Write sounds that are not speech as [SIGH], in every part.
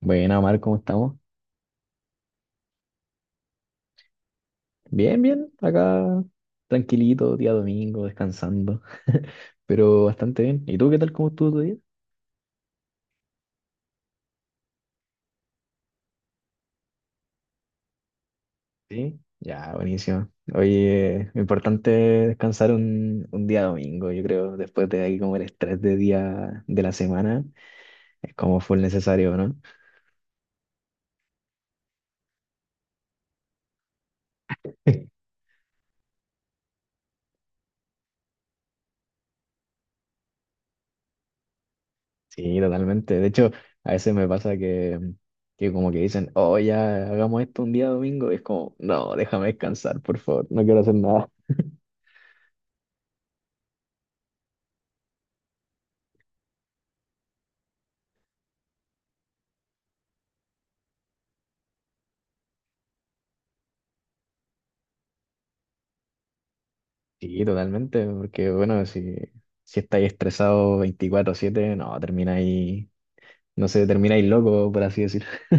Buena, Omar, ¿cómo estamos? Bien, bien, acá tranquilito, día domingo, descansando, [LAUGHS] pero bastante bien. ¿Y tú qué tal? ¿Cómo estuvo tu día? Sí. Ya, buenísimo. Oye, importante descansar un día domingo, yo creo, después de ahí como el estrés de día de la semana, es como full necesario, ¿no? [LAUGHS] Sí, totalmente. De hecho, a veces me pasa que como que dicen, oh, ya hagamos esto un día domingo, y es como, no, déjame descansar, por favor, no quiero hacer nada. Sí, totalmente, porque bueno, si estáis estresados 24/7 no, termináis, no sé, termináis loco, por así decir. [LAUGHS]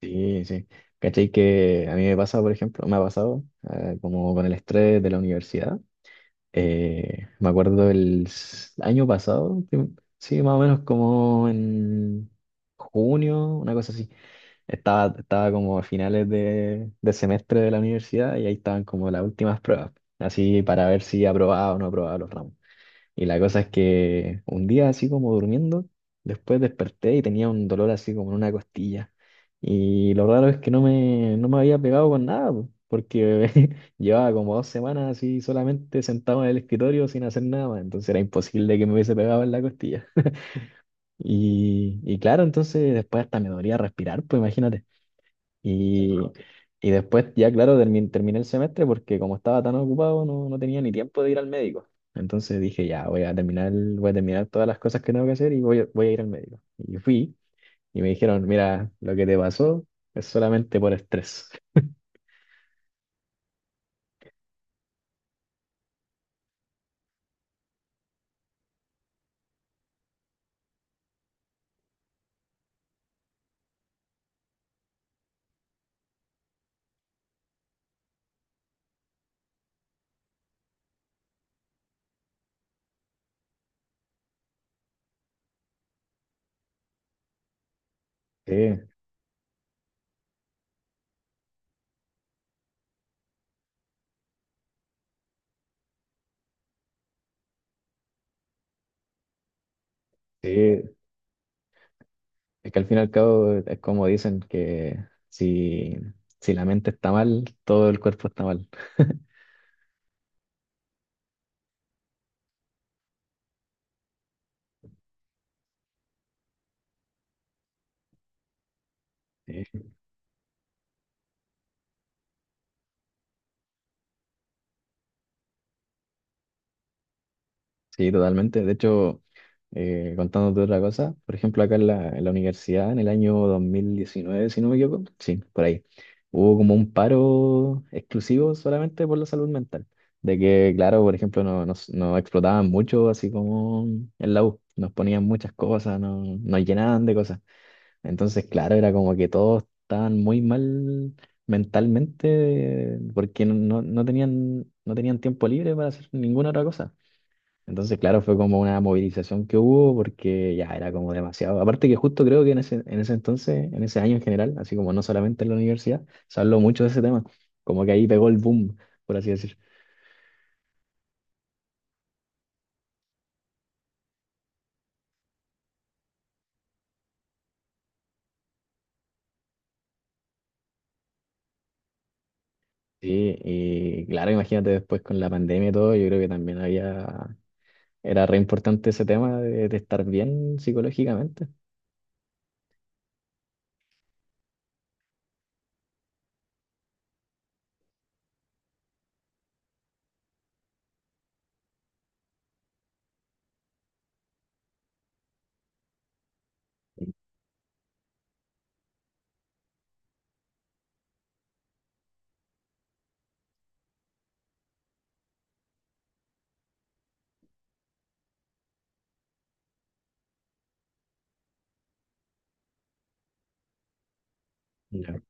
Sí, sí. ¿Cachai? Que a mí me pasa, por ejemplo, me ha pasado como con el estrés de la universidad. Me acuerdo año pasado, sí, más o menos como en junio, una cosa así. Estaba como a finales de semestre de la universidad y ahí estaban como las últimas pruebas, así para ver si aprobaba o no aprobaba los ramos. Y la cosa es que un día así como durmiendo, después desperté y tenía un dolor así como en una costilla. Y lo raro es que no me había pegado con nada, po, porque [LAUGHS] llevaba como dos semanas así solamente sentado en el escritorio sin hacer nada más. Entonces era imposible que me hubiese pegado en la costilla. [LAUGHS] Y, y claro, entonces después hasta me dolía respirar, pues imagínate. Y, y después ya, claro, terminé el semestre porque como estaba tan ocupado no, no tenía ni tiempo de ir al médico. Entonces dije, ya, voy a terminar todas las cosas que tengo que hacer y voy a ir al médico. Y fui y me dijeron, mira, lo que te pasó es solamente por estrés. Sí, sí. Es que al fin y al cabo es como dicen que si, si la mente está mal, todo el cuerpo está mal. [LAUGHS] Sí. Sí, totalmente. De hecho, contándote otra cosa, por ejemplo, acá en en la universidad, en el año 2019 si no me equivoco, sí, por ahí, hubo como un paro exclusivo solamente por la salud mental. De que, claro, por ejemplo, nos explotaban mucho, así como en la U, nos ponían muchas cosas, nos llenaban de cosas. Entonces, claro, era como que todos estaban muy mal mentalmente porque no tenían, no tenían tiempo libre para hacer ninguna otra cosa. Entonces, claro, fue como una movilización que hubo porque ya era como demasiado. Aparte que justo creo que en ese entonces, en ese año en general, así como no solamente en la universidad, se habló mucho de ese tema. Como que ahí pegó el boom, por así decir. Sí, y claro, imagínate después con la pandemia y todo, yo creo que también había, era re importante ese tema de estar bien psicológicamente. Ya.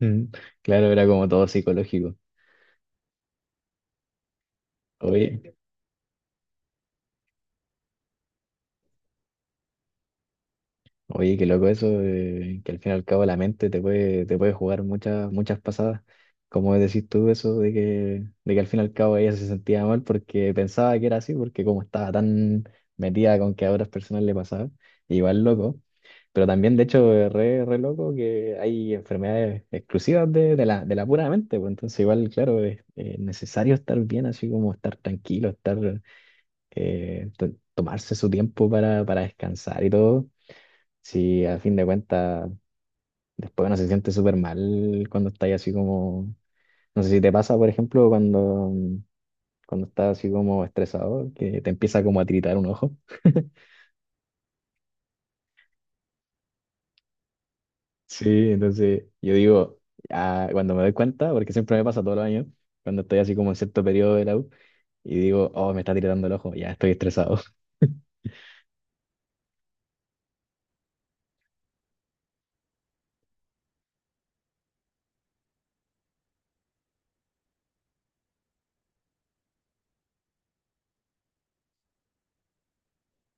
Mm, claro, era como todo psicológico. Oye. Oye, qué loco eso, que al fin y al cabo la mente te puede jugar muchas, muchas pasadas. Como decís tú eso de de que al fin y al cabo ella se sentía mal porque pensaba que era así, porque como estaba tan metida con que a otras personas le pasaba, igual loco. Pero también, de hecho, es re, re loco que hay enfermedades exclusivas de la pura mente, pues entonces igual, claro, es necesario estar bien, así como estar tranquilo, tomarse su tiempo para descansar y todo. Sí, a fin de cuentas, después uno se siente súper mal cuando está ahí así como, no sé si te pasa, por ejemplo, cuando estás así como estresado, que te empieza como a tiritar un ojo. Sí, entonces yo digo, ah, cuando me doy cuenta, porque siempre me pasa todos los años, cuando estoy así como en cierto periodo de la U, y digo, oh, me está tiritando el ojo, ya estoy estresado. [LAUGHS]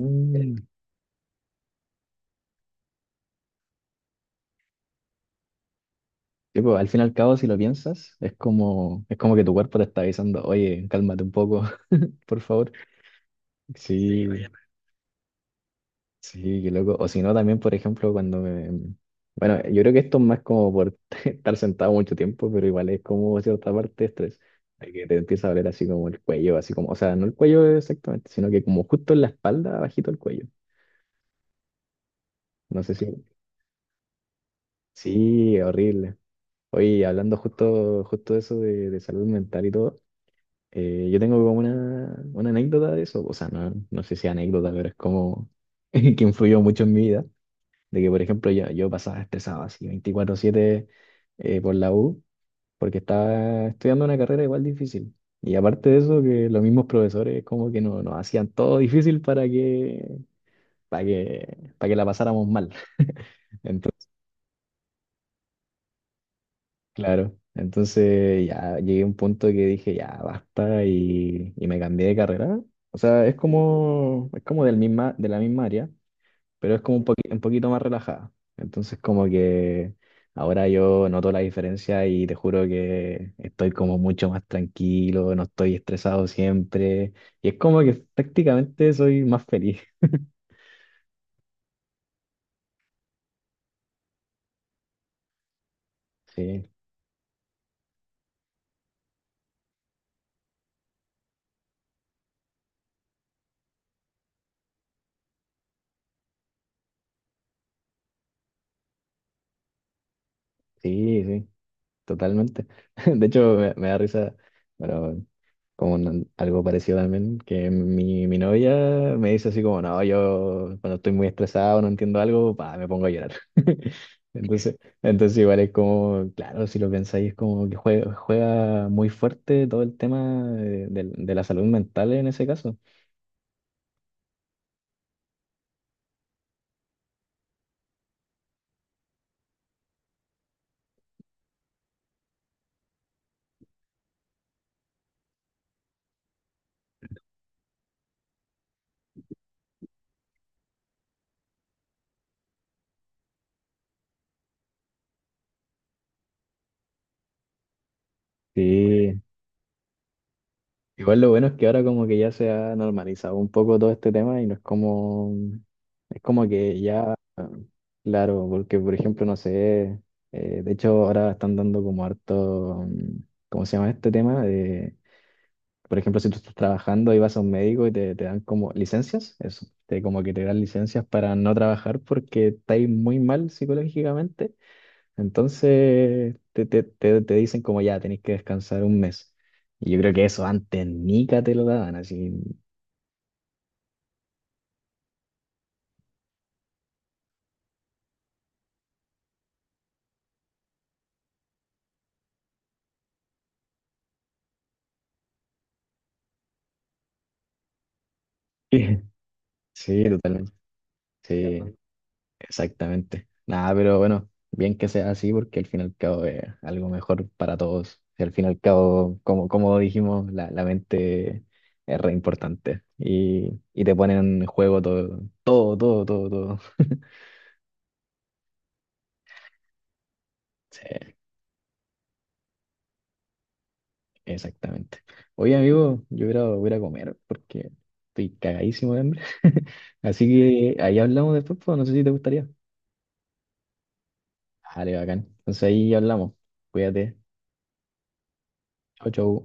Mm. Sí, pues, al fin y al cabo, si lo piensas, es como que tu cuerpo te está avisando, oye, cálmate un poco, [LAUGHS] por favor. Sí, sí, qué loco. O si no, también, por ejemplo, cuando me... Bueno, yo creo que esto es más como por [LAUGHS] estar sentado mucho tiempo, pero igual es como cierta parte de estrés. De que te empieza a doler así como el cuello, así como... O sea, no el cuello exactamente, sino que como justo en la espalda, abajito el cuello. No sé si... Sí, horrible. Oye, hablando justo de eso de salud mental y todo, yo tengo como una anécdota de eso. O sea, no, no sé si anécdota, pero es como [LAUGHS] que influyó mucho en mi vida. De que, por ejemplo, yo pasaba estresado así 24/7 por la U, porque estaba estudiando una carrera igual difícil. Y aparte de eso, que los mismos profesores como que nos hacían todo difícil para que la pasáramos mal. [LAUGHS] Entonces, claro, entonces ya llegué a un punto que dije, ya basta y me cambié de carrera. O sea, es como del misma, de la misma área, pero es como un poquito más relajada. Entonces como que ahora yo noto la diferencia y te juro que estoy como mucho más tranquilo, no estoy estresado siempre y es como que prácticamente soy más feliz. Sí, sí, totalmente. [LAUGHS] Me da risa, bueno, con algo parecido también, que mi novia me dice así como, no, yo cuando estoy muy estresado, no entiendo algo, pa, me pongo a llorar. [LAUGHS] Entonces, entonces igual es como, claro, si lo pensáis, es como que juega, juega muy fuerte todo el tema de la salud mental en ese caso. Sí, igual lo bueno es que ahora como que ya se ha normalizado un poco todo este tema y no es como, es como que ya, claro, porque por ejemplo, no sé, de hecho ahora están dando como harto, mm, ¿cómo se llama este tema? De, por ejemplo, si tú estás trabajando y vas a un médico y te dan como licencias, eso, te, como que te dan licencias para no trabajar porque estáis muy mal psicológicamente entonces te dicen como ya, tenés que descansar 1 mes. Y yo creo que eso antes Nica te lo daban, así. [LAUGHS] Sí, sí, totalmente. Sí, exactamente. Nada, pero bueno, bien que sea así porque al fin y al cabo es algo mejor para todos. Y al fin y al cabo, como, como dijimos, la mente es re importante. Y te ponen en juego todo, todo, todo, todo, todo. Sí. Exactamente. Oye, amigo, yo voy a ir a comer porque estoy cagadísimo de hambre. [LAUGHS] Así que ahí hablamos después, pues, no sé si te gustaría. Vale, bacán. Entonces ahí hablamos. Cuídate. Chau, chau.